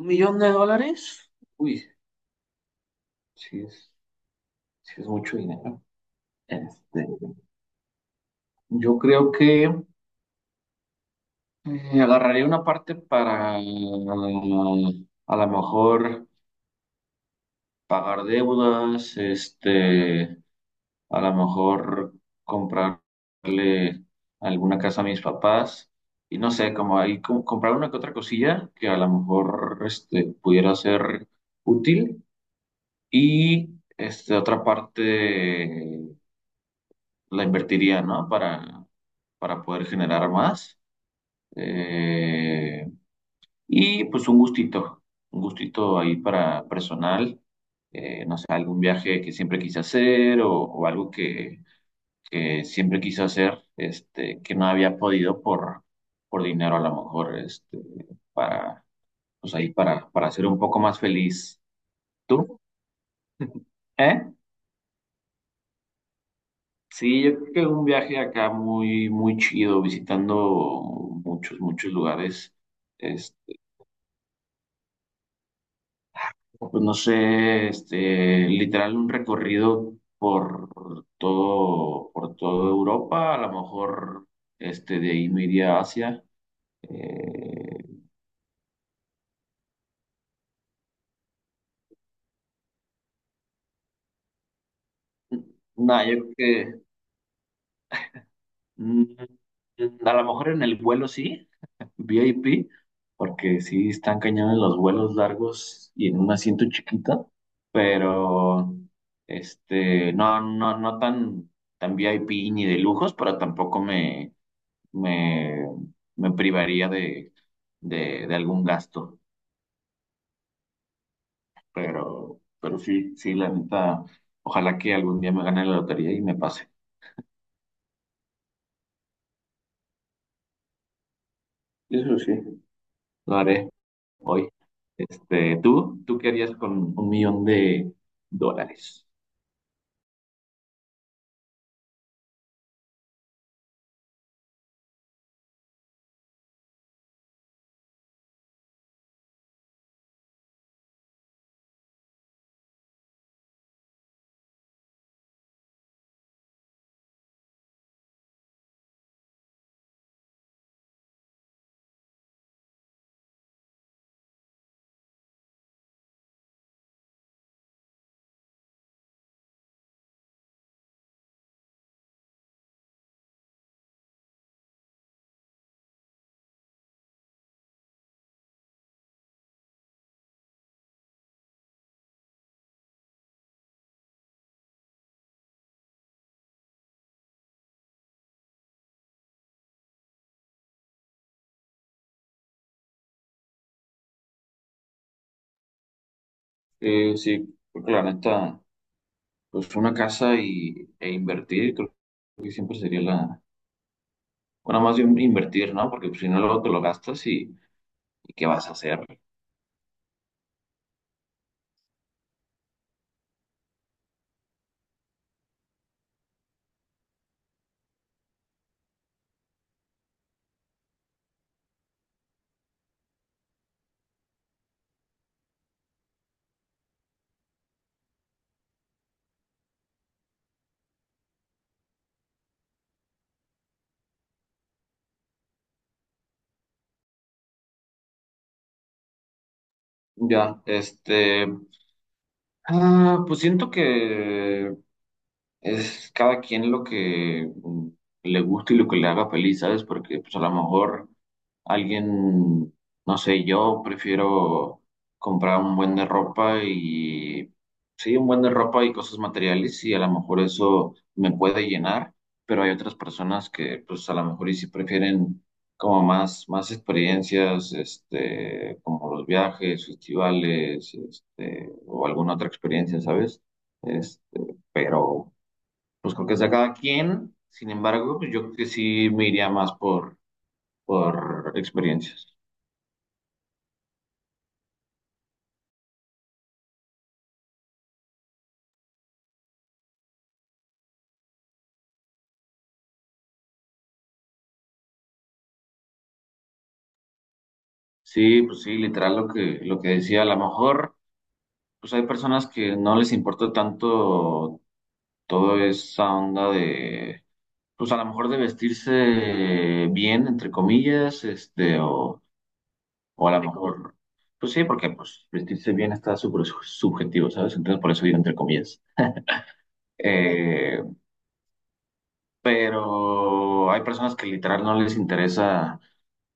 ¿Un millón de dólares? Uy, sí es, sí es mucho dinero. Este, yo creo que agarraría una parte para a lo mejor pagar deudas, este, a lo mejor comprarle alguna casa a mis papás y no sé, como ahí comprar una que otra cosilla que a lo mejor este, pudiera ser útil y este, otra parte la invertiría, ¿no? Para poder generar más. Eh, y pues un gustito ahí para personal, no sé, algún viaje que siempre quise hacer o algo que siempre quise hacer, este, que no había podido por dinero a lo mejor, este, para, pues ahí para ser un poco más feliz. ¿Tú? ¿Eh? Sí, yo creo que un viaje acá muy, muy chido, visitando muchos, muchos lugares. Este, pues no sé, este, literal un recorrido por todo, por toda Europa, a lo mejor este, de ahí me iría a Asia. Eh, nada, yo creo que mm, a lo mejor en el vuelo sí, VIP, porque sí están cañones los vuelos largos y en un asiento chiquito, pero este, no tan, tan VIP ni de lujos, pero tampoco me, me privaría de algún gasto. Pero sí, sí, la neta, ojalá que algún día me gane la lotería y me pase. Eso sí, lo haré hoy. Este, ¿tú? ¿Tú qué harías con un millón de dólares? Sí, creo que la neta, pues una casa e invertir, creo que siempre sería la, bueno, más bien invertir, ¿no? Porque pues, si no, luego te lo gastas y ¿qué vas a hacer? Ya, este, pues siento que es cada quien lo que le gusta y lo que le haga feliz, ¿sabes? Porque pues a lo mejor alguien, no sé, yo prefiero comprar un buen de ropa y, sí, un buen de ropa y cosas materiales y a lo mejor eso me puede llenar, pero hay otras personas que pues a lo mejor y sí prefieren como más, más experiencias, este, como los viajes, festivales, este, o alguna otra experiencia, ¿sabes? Este, pero pues creo que sea cada quien. Sin embargo, pues yo creo que sí me iría más por experiencias. Sí, pues sí, literal lo lo que decía, a lo mejor, pues hay personas que no les importa tanto toda esa onda de, pues a lo mejor de vestirse bien, entre comillas, este, o a lo mejor, pues sí, porque pues vestirse bien está súper subjetivo, ¿sabes? Entonces por eso digo entre comillas. Eh, pero hay personas que literal no les interesa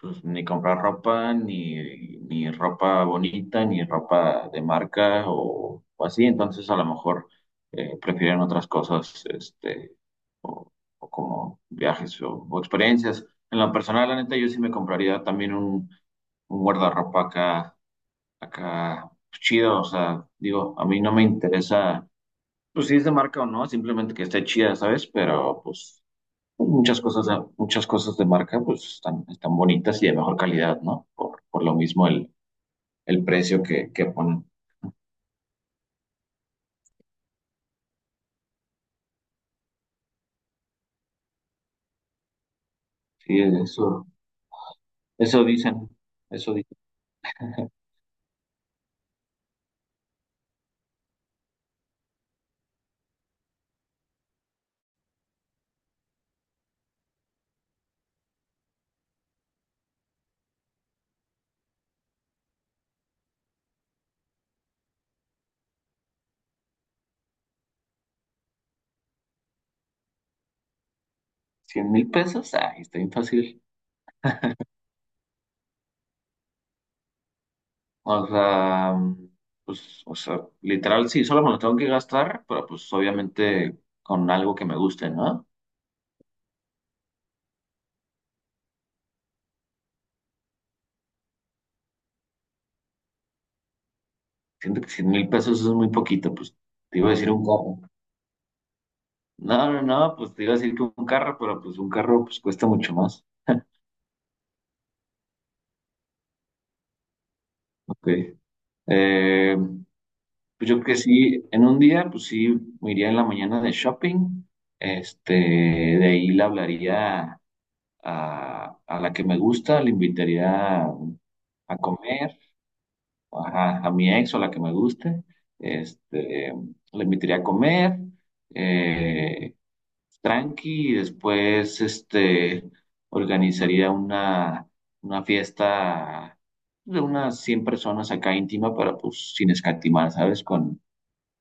pues ni comprar ropa, ni, ni ropa bonita, ni ropa de marca o así, entonces a lo mejor prefieren otras cosas, este, o, o como viajes o experiencias. En lo personal, la neta, yo sí me compraría también un guardarropa acá, acá pues, chido, o sea, digo, a mí no me interesa, pues si es de marca o no, simplemente que esté chida, ¿sabes? Pero pues muchas cosas, muchas cosas de marca pues están, están bonitas y de mejor calidad, ¿no? Por lo mismo el precio que ponen. Sí, eso dicen, eso dicen. 100 mil pesos, ay, está bien fácil. O sea, pues, o sea, literal, sí, solo me lo tengo que gastar, pero pues obviamente con algo que me guste, ¿no? Siento que 100 mil pesos es muy poquito, pues te iba a decir un carro. No, no, no, pues te iba a decir que un carro, pero pues un carro pues cuesta mucho más. Ok. Eh, pues yo creo que sí, en un día, pues sí, me iría en la mañana de shopping. Este, de ahí le hablaría a la que me gusta, le invitaría a comer, ajá, a, mi ex o la que me guste. Este, le invitaría a comer, eh, tranqui, y después, este, organizaría una fiesta de unas 100 personas acá íntima, para pues sin escatimar, ¿sabes?, con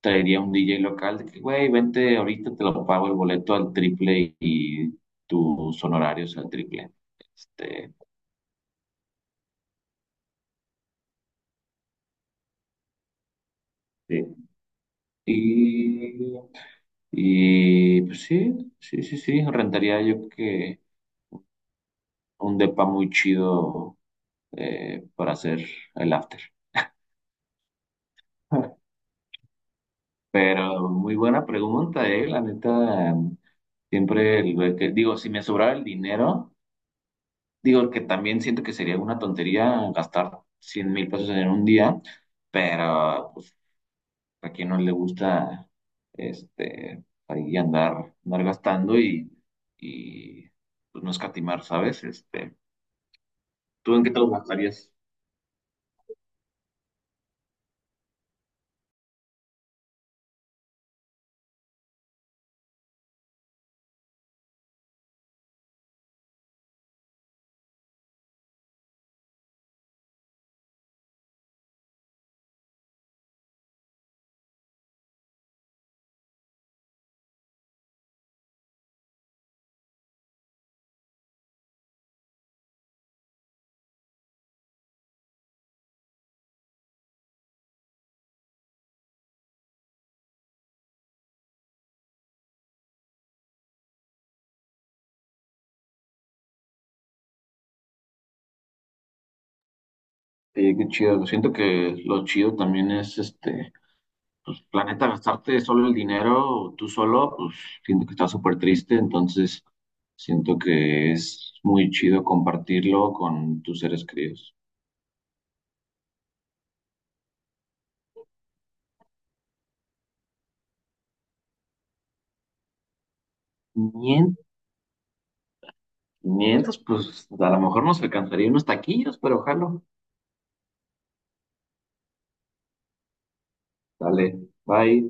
traería un DJ local de que, güey, vente ahorita, te lo pago el boleto al triple y tus honorarios al triple. Este, sí. Y, y pues sí, sí, sí, sí, rentaría yo creo que un depa muy chido para hacer el after. Pero muy buena pregunta, la neta, siempre el güey que, digo, si me sobrara el dinero. Digo que también siento que sería una tontería gastar 100 mil pesos en un día, pero pues a quien no le gusta este ahí andar, andar gastando y pues no escatimar, ¿sabes? Este, ¿tú en qué te lo gastarías? Oye, qué chido. Siento que lo chido también es este, pues la neta, gastarte solo el dinero tú solo, pues siento que está súper triste, entonces siento que es muy chido compartirlo con tus seres queridos. 500, 500, pues a lo mejor nos alcanzaría unos taquillos, pero ojalá. Dale, bye.